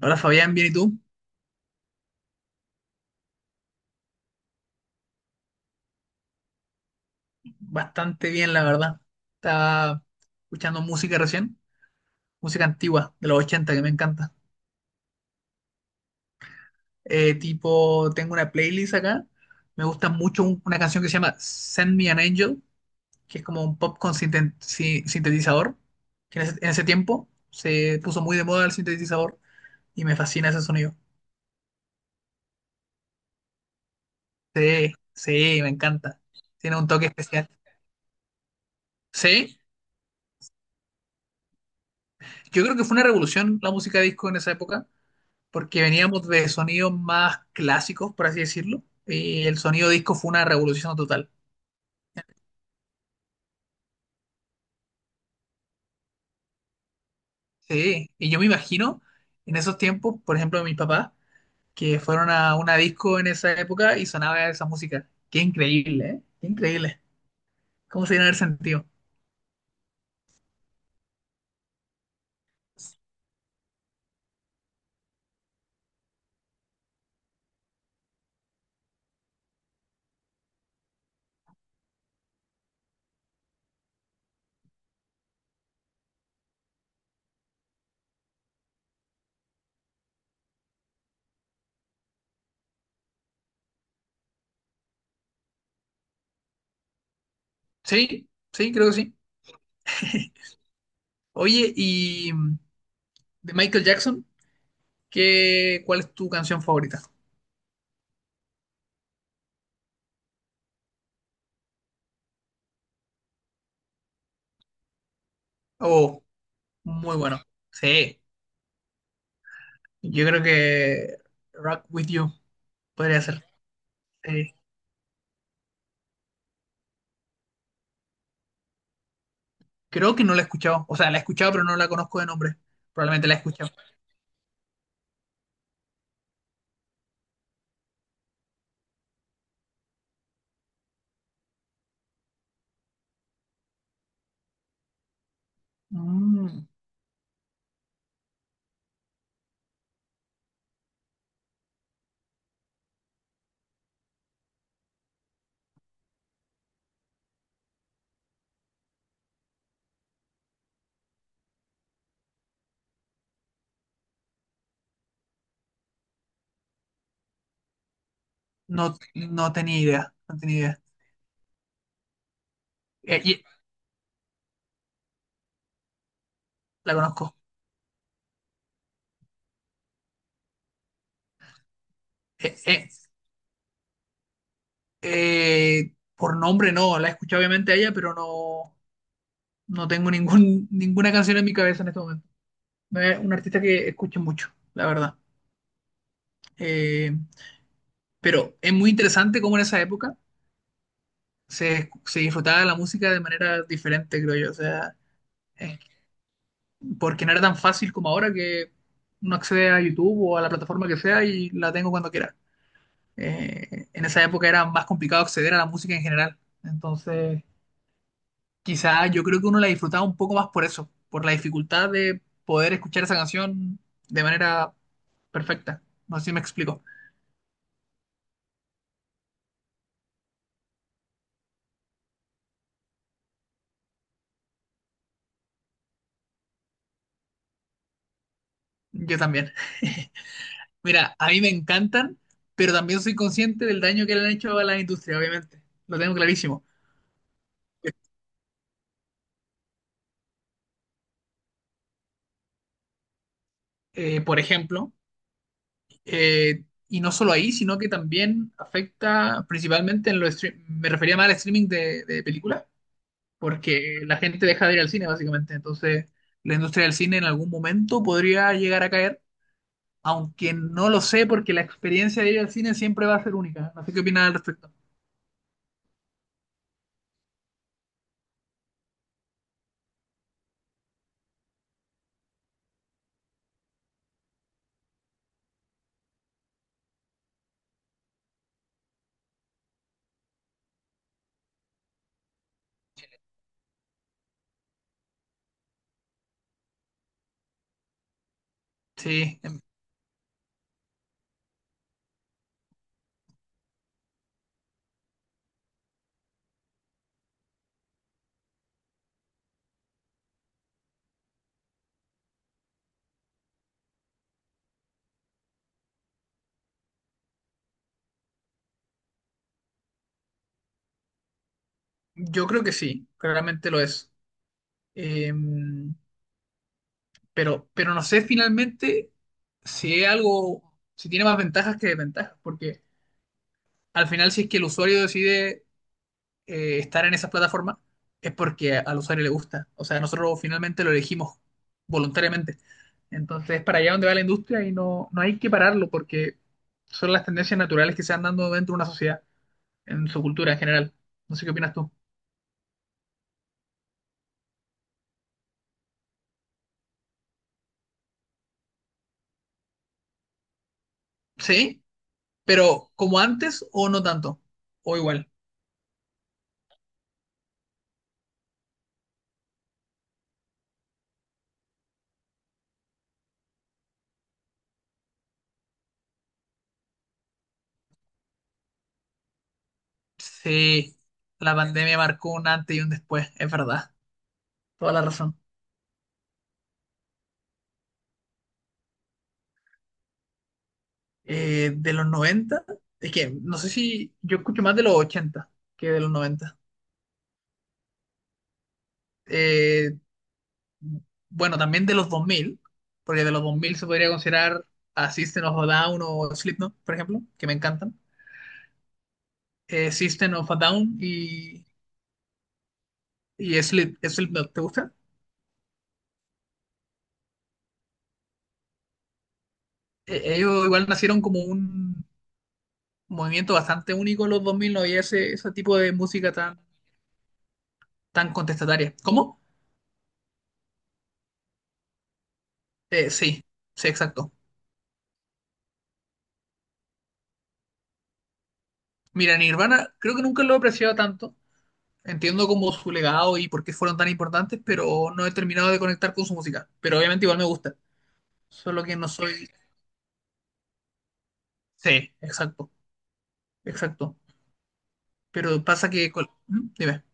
Hola Fabián, ¿bien y tú? Bastante bien, la verdad. Estaba escuchando música recién, música antigua de los 80 que me encanta. Tipo, tengo una playlist acá. Me gusta mucho una canción que se llama Send Me an Angel, que es como un pop con sintetizador, que en ese tiempo se puso muy de moda el sintetizador y me fascina ese sonido. Sí, sí, me encanta. Tiene un toque especial. Sí, yo creo que fue una revolución la música disco en esa época porque veníamos de sonidos más clásicos, por así decirlo, y el sonido disco fue una revolución total. Sí, y yo me imagino en esos tiempos, por ejemplo, mis papás, que fueron a una disco en esa época y sonaba esa música. Qué increíble, ¿eh? Qué increíble. ¿Cómo se dieron el sentido? Sí, sí, creo que sí. Oye, de Michael Jackson, ¿ cuál es tu canción favorita? Oh, muy bueno. Sí, yo creo que Rock With You podría ser. Sí. Creo que no la he escuchado. O sea, la he escuchado, pero no la conozco de nombre. Probablemente la he escuchado. Mm, no, no tenía idea. No tenía idea. Eh, y- la conozco. Eh, eh, por nombre no. La he escuchado obviamente a ella, pero no, no tengo ningún, ninguna canción en mi cabeza en este momento. No es un artista que escuche mucho, la verdad. Eh, pero es muy interesante cómo en esa época se disfrutaba de la música de manera diferente, creo yo. O sea. eh, Porque no era tan fácil como ahora que uno accede a YouTube o a la plataforma que sea y la tengo cuando quiera. En esa época era más complicado acceder a la música en general. Entonces, quizá yo creo que uno la disfrutaba un poco más por eso, por la dificultad de poder escuchar esa canción de manera perfecta. No sé si me explico. Yo también. Mira, a mí me encantan, pero también soy consciente del daño que le han hecho a la industria, obviamente. Lo tengo clarísimo. Por ejemplo, y no solo ahí, sino que también afecta principalmente en los me refería más al streaming de películas, porque la gente deja de ir al cine básicamente, entonces la industria del cine en algún momento podría llegar a caer, aunque no lo sé porque la experiencia de ir al cine siempre va a ser única, no sé qué opinas al respecto. Sí, em, yo creo que sí, claramente lo es. Em, pero no sé finalmente si es algo, si tiene más ventajas que desventajas, porque al final si es que el usuario decide estar en esas plataformas es porque al usuario le gusta. O sea, nosotros finalmente lo elegimos voluntariamente. Entonces, es para allá donde va la industria y no, no hay que pararlo porque son las tendencias naturales que se van dando dentro de una sociedad, en su cultura en general. No sé qué opinas tú. Sí, pero como antes o no tanto, o igual. Sí, la pandemia marcó un antes y un después, es verdad, toda la razón. De los 90 es que no sé si yo escucho más de los 80 que de los 90. eh, bueno, también de los 2000 porque de los 2000 se podría considerar a System of a Down o Slipknot, por ejemplo, que me encantan. System of a Down y Slipknot, ¿te gusta? Ellos igual nacieron como un movimiento bastante único en los 2000 no había ese tipo de música tan, tan contestataria. ¿Cómo? Sí, sí, exacto. Mira, Nirvana creo que nunca lo he apreciado tanto. Entiendo como su legado y por qué fueron tan importantes, pero no he terminado de conectar con su música. Pero obviamente igual me gusta. Solo que no soy. Sí, exacto, exacto. Pero pasa que. ¿Mm? Dime.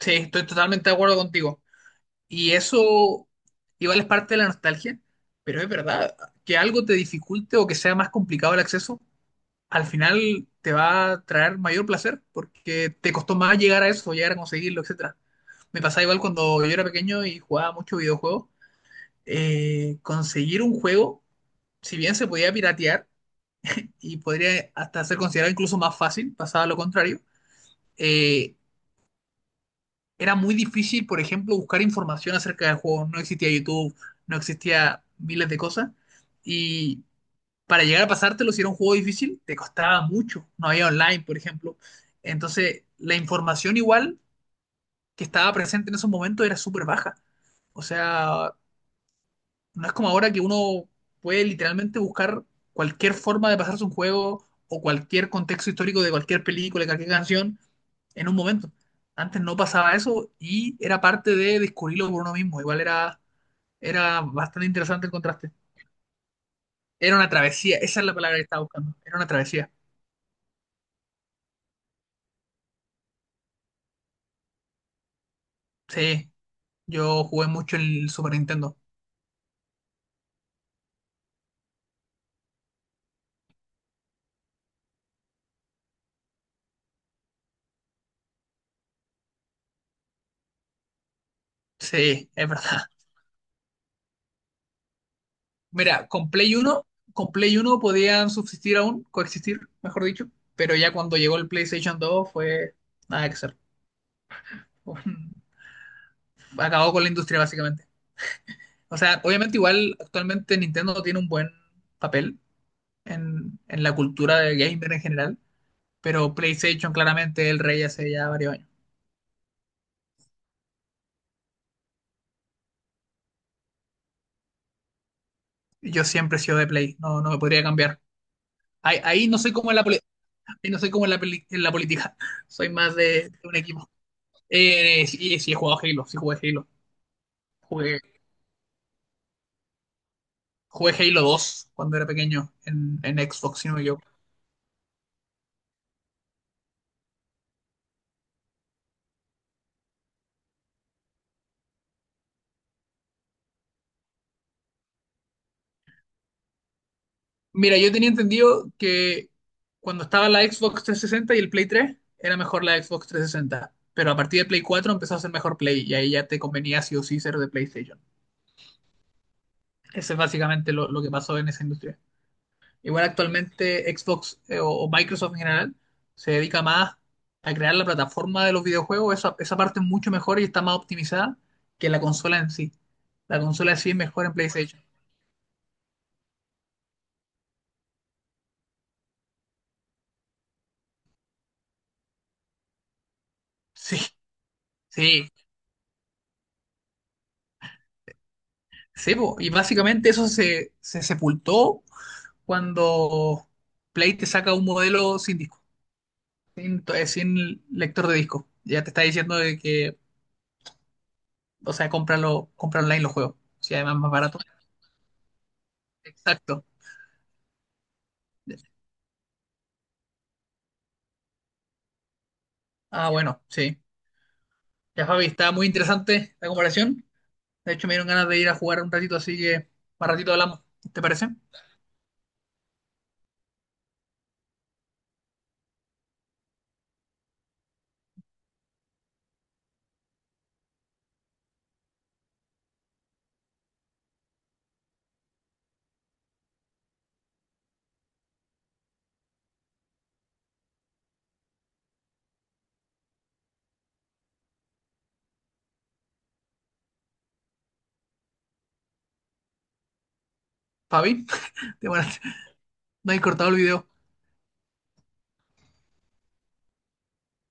Sí, estoy totalmente de acuerdo contigo. Y eso igual es parte de la nostalgia, pero es verdad que algo te dificulte o que sea más complicado el acceso, al final te va a traer mayor placer porque te costó más llegar a eso, llegar a conseguirlo, etcétera. Me pasaba igual cuando yo era pequeño y jugaba mucho videojuegos. Conseguir un juego, si bien se podía piratear, y podría hasta ser considerado incluso más fácil, pasado lo contrario. Eh, Era muy difícil, por ejemplo, buscar información acerca del juego. No existía YouTube, no existía miles de cosas. Y para llegar a pasártelo, si era un juego difícil, te costaba mucho. No había online, por ejemplo. Entonces, la información igual que estaba presente en esos momentos era súper baja. O sea, no es como ahora que uno puede literalmente buscar cualquier forma de pasarse un juego o cualquier contexto histórico de cualquier película, de cualquier canción, en un momento. Antes no pasaba eso y era parte de descubrirlo por uno mismo. Era bastante interesante el contraste. Era una travesía, esa es la palabra que estaba buscando. Era una travesía. Sí, yo jugué mucho el Super Nintendo. Sí, es verdad. Mira, con Play uno podían subsistir aún, coexistir, mejor dicho, pero ya cuando llegó el PlayStation 2 fue nada que hacer. Acabó con la industria básicamente. O sea, obviamente igual actualmente Nintendo tiene un buen papel en la cultura del gamer en general, pero PlayStation claramente es el rey hace ya varios años. Yo siempre he sido de Play, no, no me podría cambiar. Ahí no soy como en ahí, no soy como en en la política, soy más de un equipo. Sí, sí he jugado Halo, sí jugué Halo. Jugué, Jugué Halo 2 cuando era pequeño en Xbox, si no yo. Mira, yo tenía entendido que cuando estaba la Xbox 360 y el Play 3, era mejor la Xbox 360. Pero a partir de Play 4 empezó a ser mejor Play y ahí ya te convenía sí o sí ser de PlayStation. Eso es básicamente lo que pasó en esa industria. Igual actualmente Xbox o Microsoft en general se dedica más a crear la plataforma de los videojuegos. Esa parte es mucho mejor y está más optimizada que la consola en sí. La consola en sí es mejor en PlayStation. Sí, sí. Sí, po, y básicamente eso se sepultó cuando Play te saca un modelo sin disco, sin lector de disco. Ya te está diciendo de que, o sea, cómpralo, compra online los juegos. Si además más barato. Exacto. Ah, bueno, sí. Ya, Fabi, está muy interesante la comparación. De hecho, me dieron ganas de ir a jugar un ratito, así que más ratito hablamos. ¿Te parece? Fabi, bueno, no hay cortado el video.